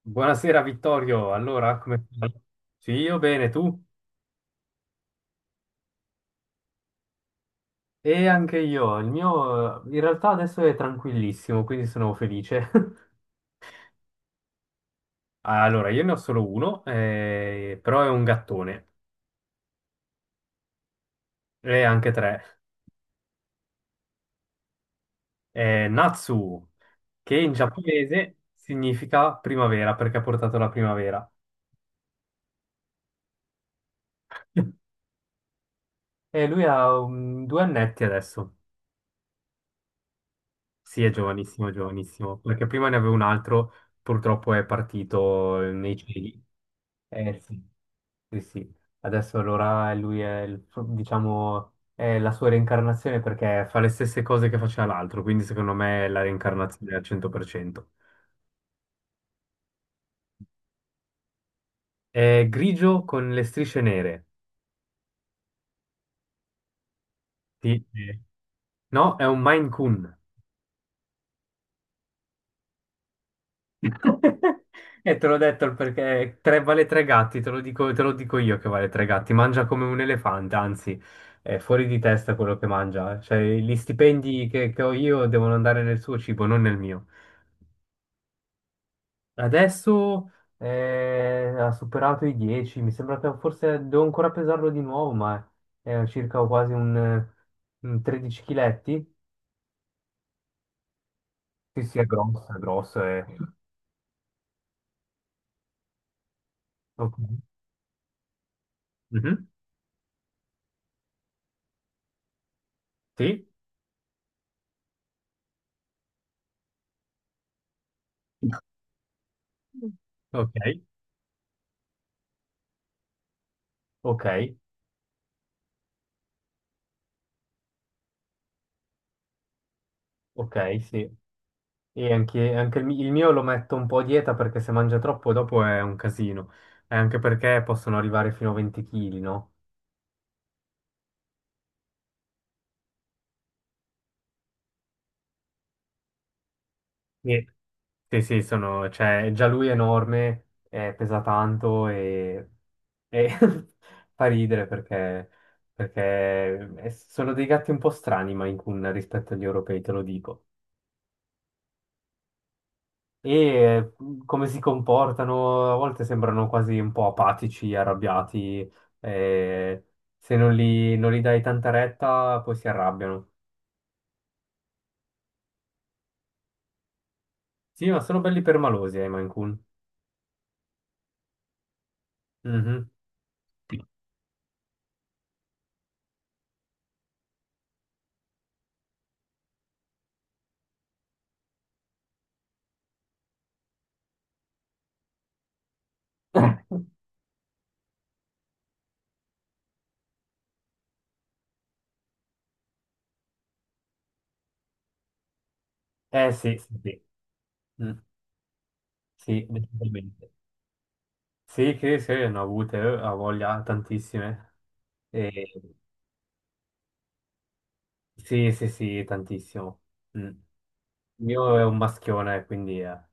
Buonasera Vittorio, allora come stai? Sì, io bene, tu? E anche io, il mio in realtà adesso è tranquillissimo, quindi sono felice. Allora, io ne ho solo uno, però è un gattone, e anche tre. È Natsu, che in giapponese significa primavera, perché ha portato la primavera. E lui ha due annetti adesso. Sì, è giovanissimo, giovanissimo, perché prima ne avevo un altro, purtroppo è partito nei cieli. Eh sì. Sì, sì, adesso allora lui è, diciamo, è la sua reincarnazione perché fa le stesse cose che faceva l'altro, quindi secondo me è la reincarnazione al 100%. È grigio con le strisce nere. Sì, sì. No, è un Maine Coon. E te l'ho detto perché vale tre gatti, te lo dico io che vale tre gatti. Mangia come un elefante, anzi, è fuori di testa quello che mangia. Cioè, gli stipendi che ho io devono andare nel suo cibo, non nel mio. Adesso ha superato i 10, mi sembra che forse devo ancora pesarlo di nuovo, ma è circa quasi un 13 chiletti. Sì, sì, è grosso, è grosso. È... Ok. Mhm. Sì, ok, ok, ok, sì. E anche, anche il mio lo metto un po' a dieta perché se mangia troppo dopo è un casino. E anche perché possono arrivare fino a 20 kg, no? Sì, sì, sono, cioè, già lui è enorme, pesa tanto e fa ridere perché, sono dei gatti un po' strani, Maine Coon, rispetto agli europei, te lo dico. Come si comportano, a volte sembrano quasi un po' apatici, arrabbiati, eh, se non li dai tanta retta poi si arrabbiano. Sì, ma sono belli permalosi, i Maine Coon. Mhm. Eh sì, sì, sì. Mm, sì, decisamente. Sì, che sì, ne ho avute, ho voglia, tantissime. E- Sì, sì, sì, tantissimo. Mm. Il mio è un maschione, quindi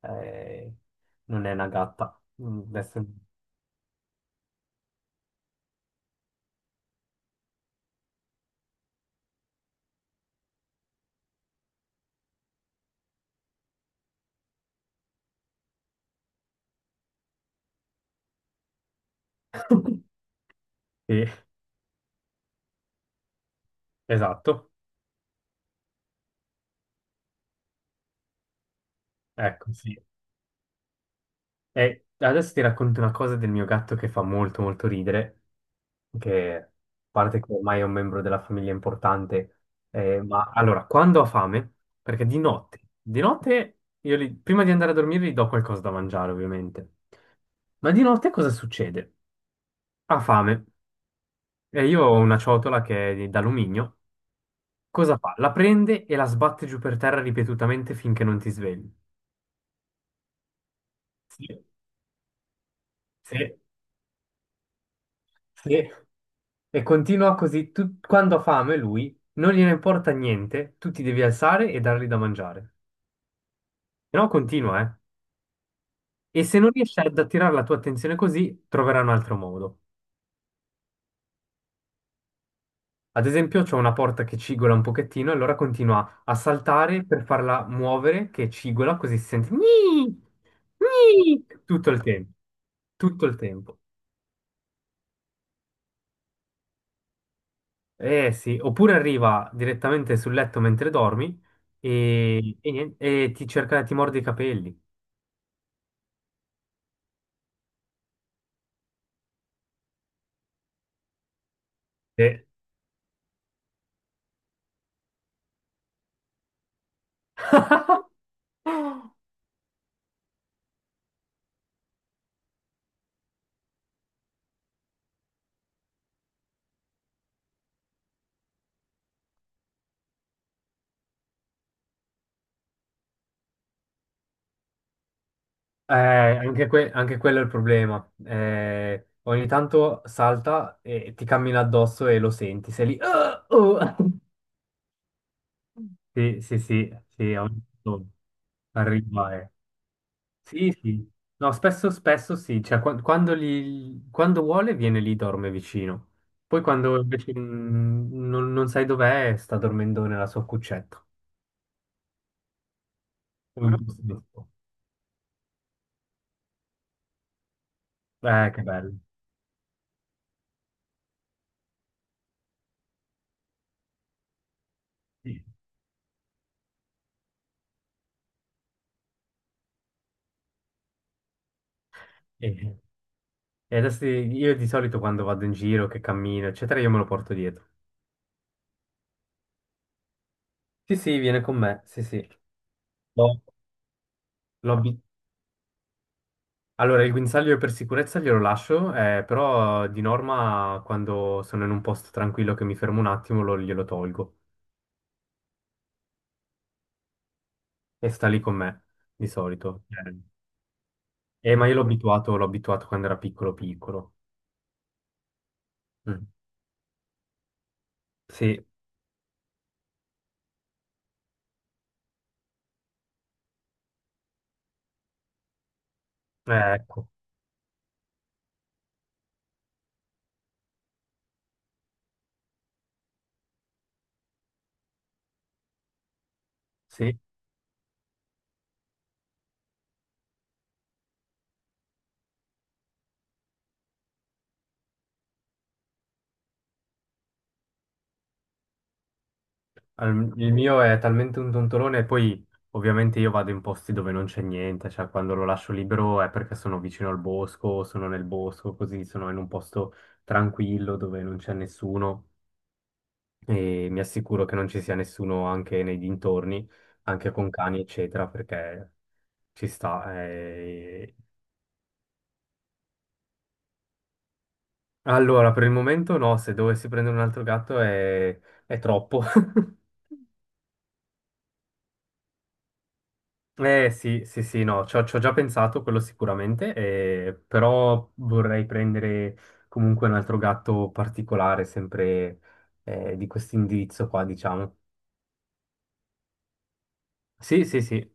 eh, non è una gatta. Mm, adesso... Sì, esatto. Ecco, sì. E adesso ti racconto una cosa del mio gatto che fa molto, molto ridere. Che a parte che ormai è un membro della famiglia importante, ma allora, quando ho fame, perché di notte io prima di andare a dormire gli do qualcosa da mangiare, ovviamente. Ma di notte cosa succede? Ha fame e io ho una ciotola che è d'alluminio. Cosa fa? La prende e la sbatte giù per terra ripetutamente finché non ti svegli. Sì, sì, sì. E continua così, quando ha fame lui, non gliene importa niente, tu ti devi alzare e dargli da mangiare. Se no continua, eh. E se non riesci ad attirare la tua attenzione così, troverai un altro modo. Ad esempio, c'è una porta che cigola un pochettino, e allora continua a saltare per farla muovere, che cigola, così si sente "Gni! Gni!" tutto il tempo, tutto il tempo. Eh sì, oppure arriva direttamente sul letto mentre dormi e niente, e ti cerca, ti morde i capelli. Eh, anche, anche quello è il problema. Ogni tanto salta e ti cammina addosso e lo senti. Sei lì. "Ah, oh". Sì, sì, sì, sì, ogni tanto arriva, eh. Sì, sì. No, spesso, spesso sì. Cioè, quando vuole viene lì, dorme vicino. Poi quando invece non sai dov'è, sta dormendo nella sua cuccetta. Un giusto. Che bello. Sì. Eh. E adesso io di solito quando vado in giro, che cammino, eccetera, io me lo porto dietro. Sì, sì, viene con me, sì, sì. No. L'ho abi- Allora, il guinzaglio per sicurezza glielo lascio, però di norma quando sono in un posto tranquillo che mi fermo un attimo glielo tolgo e sta lì con me, di solito. Ma io l'ho abituato quando era piccolo, piccolo. Mm. Sì, ecco, sì. Il mio è talmente un tontolone, e poi ovviamente io vado in posti dove non c'è niente, cioè quando lo lascio libero è perché sono vicino al bosco, sono nel bosco, così sono in un posto tranquillo dove non c'è nessuno e mi assicuro che non ci sia nessuno anche nei dintorni, anche con cani, eccetera, perché ci sta, eh. Allora, per il momento no, se dovessi prendere un altro gatto è troppo. Eh sì, sì, sì, no, ci ho già pensato, quello sicuramente, però vorrei prendere comunque un altro gatto particolare, sempre di questo indirizzo qua, diciamo. Sì, sì, sì,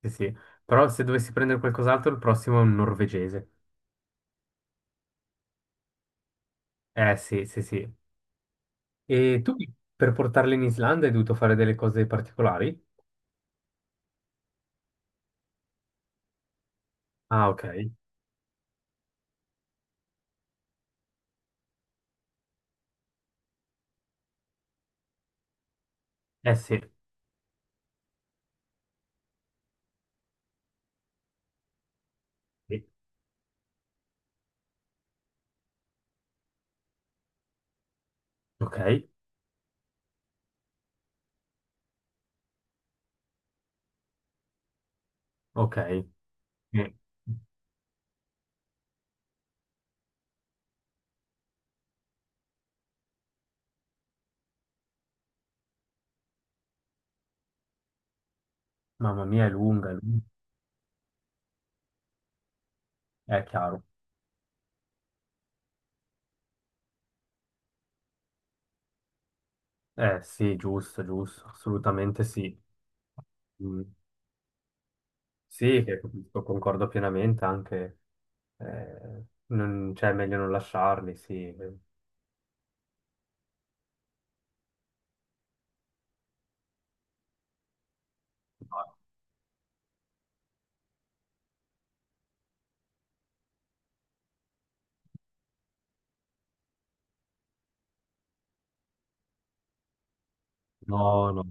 sì, sì, però se dovessi prendere qualcos'altro, il prossimo è un norvegese. Eh sì, sì, sì. E tu per portarli in Islanda hai dovuto fare delle cose particolari? Ah, ok. Eh sì, sì. Ok, ok. Mamma mia, è lunga, è lunga. È chiaro. Eh sì, giusto, giusto, assolutamente sì. Mm, sì, che lo concordo pienamente, anche non, cioè, è meglio non lasciarli, sì. No, no, no,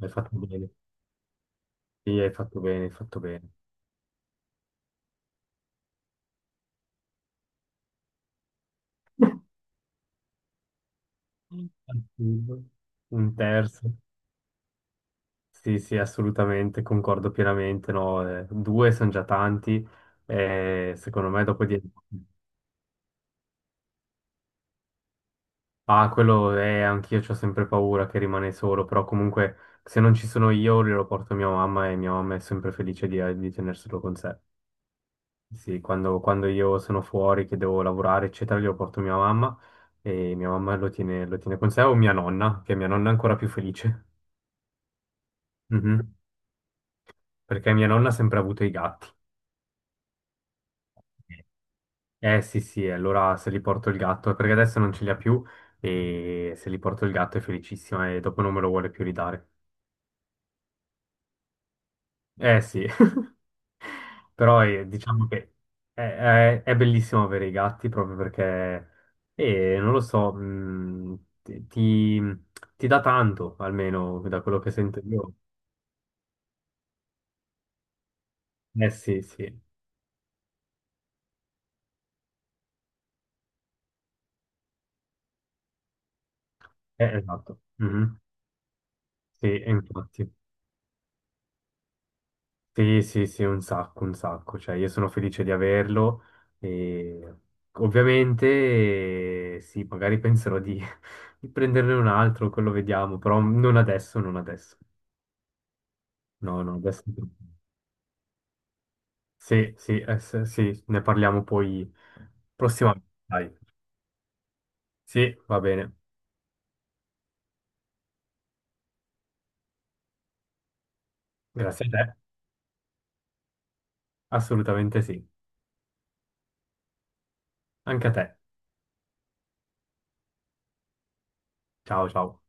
hai fatto bene. Sì, hai fatto bene, hai fatto bene. Mm. Un terzo. Sì, sì, assolutamente, concordo pienamente, no, due sono già tanti, secondo me dopo di... Ah, quello è, anch'io ho sempre paura che rimane solo, però comunque se non ci sono io glielo porto a mia mamma e mia mamma è sempre felice di tenerselo con sé. Sì, quando io sono fuori, che devo lavorare, eccetera, glielo porto a mia mamma e mia mamma lo tiene con sé o mia nonna, che mia nonna è ancora più felice. Mhm. Perché mia nonna ha sempre avuto i gatti. Eh sì, sì, allora se li porto il gatto, perché adesso non ce li ha più e se li porto il gatto è felicissima e dopo non me lo vuole più ridare. Eh sì. Però diciamo che è, è bellissimo avere i gatti proprio perché, non lo so, ti dà tanto, almeno da quello che sento io. Eh sì, sì, esatto. Mhm. Sì, e infatti. Sì, sì, sì, un sacco, un sacco. Cioè, io sono felice di averlo e ovviamente sì, magari penserò di prenderne un altro, quello vediamo, però non adesso, non adesso. No, no, adesso, no. Sì, sì, sì, ne parliamo poi prossimamente. Dai. Sì, va bene. Grazie a te. Assolutamente sì. Anche a te. Ciao, ciao.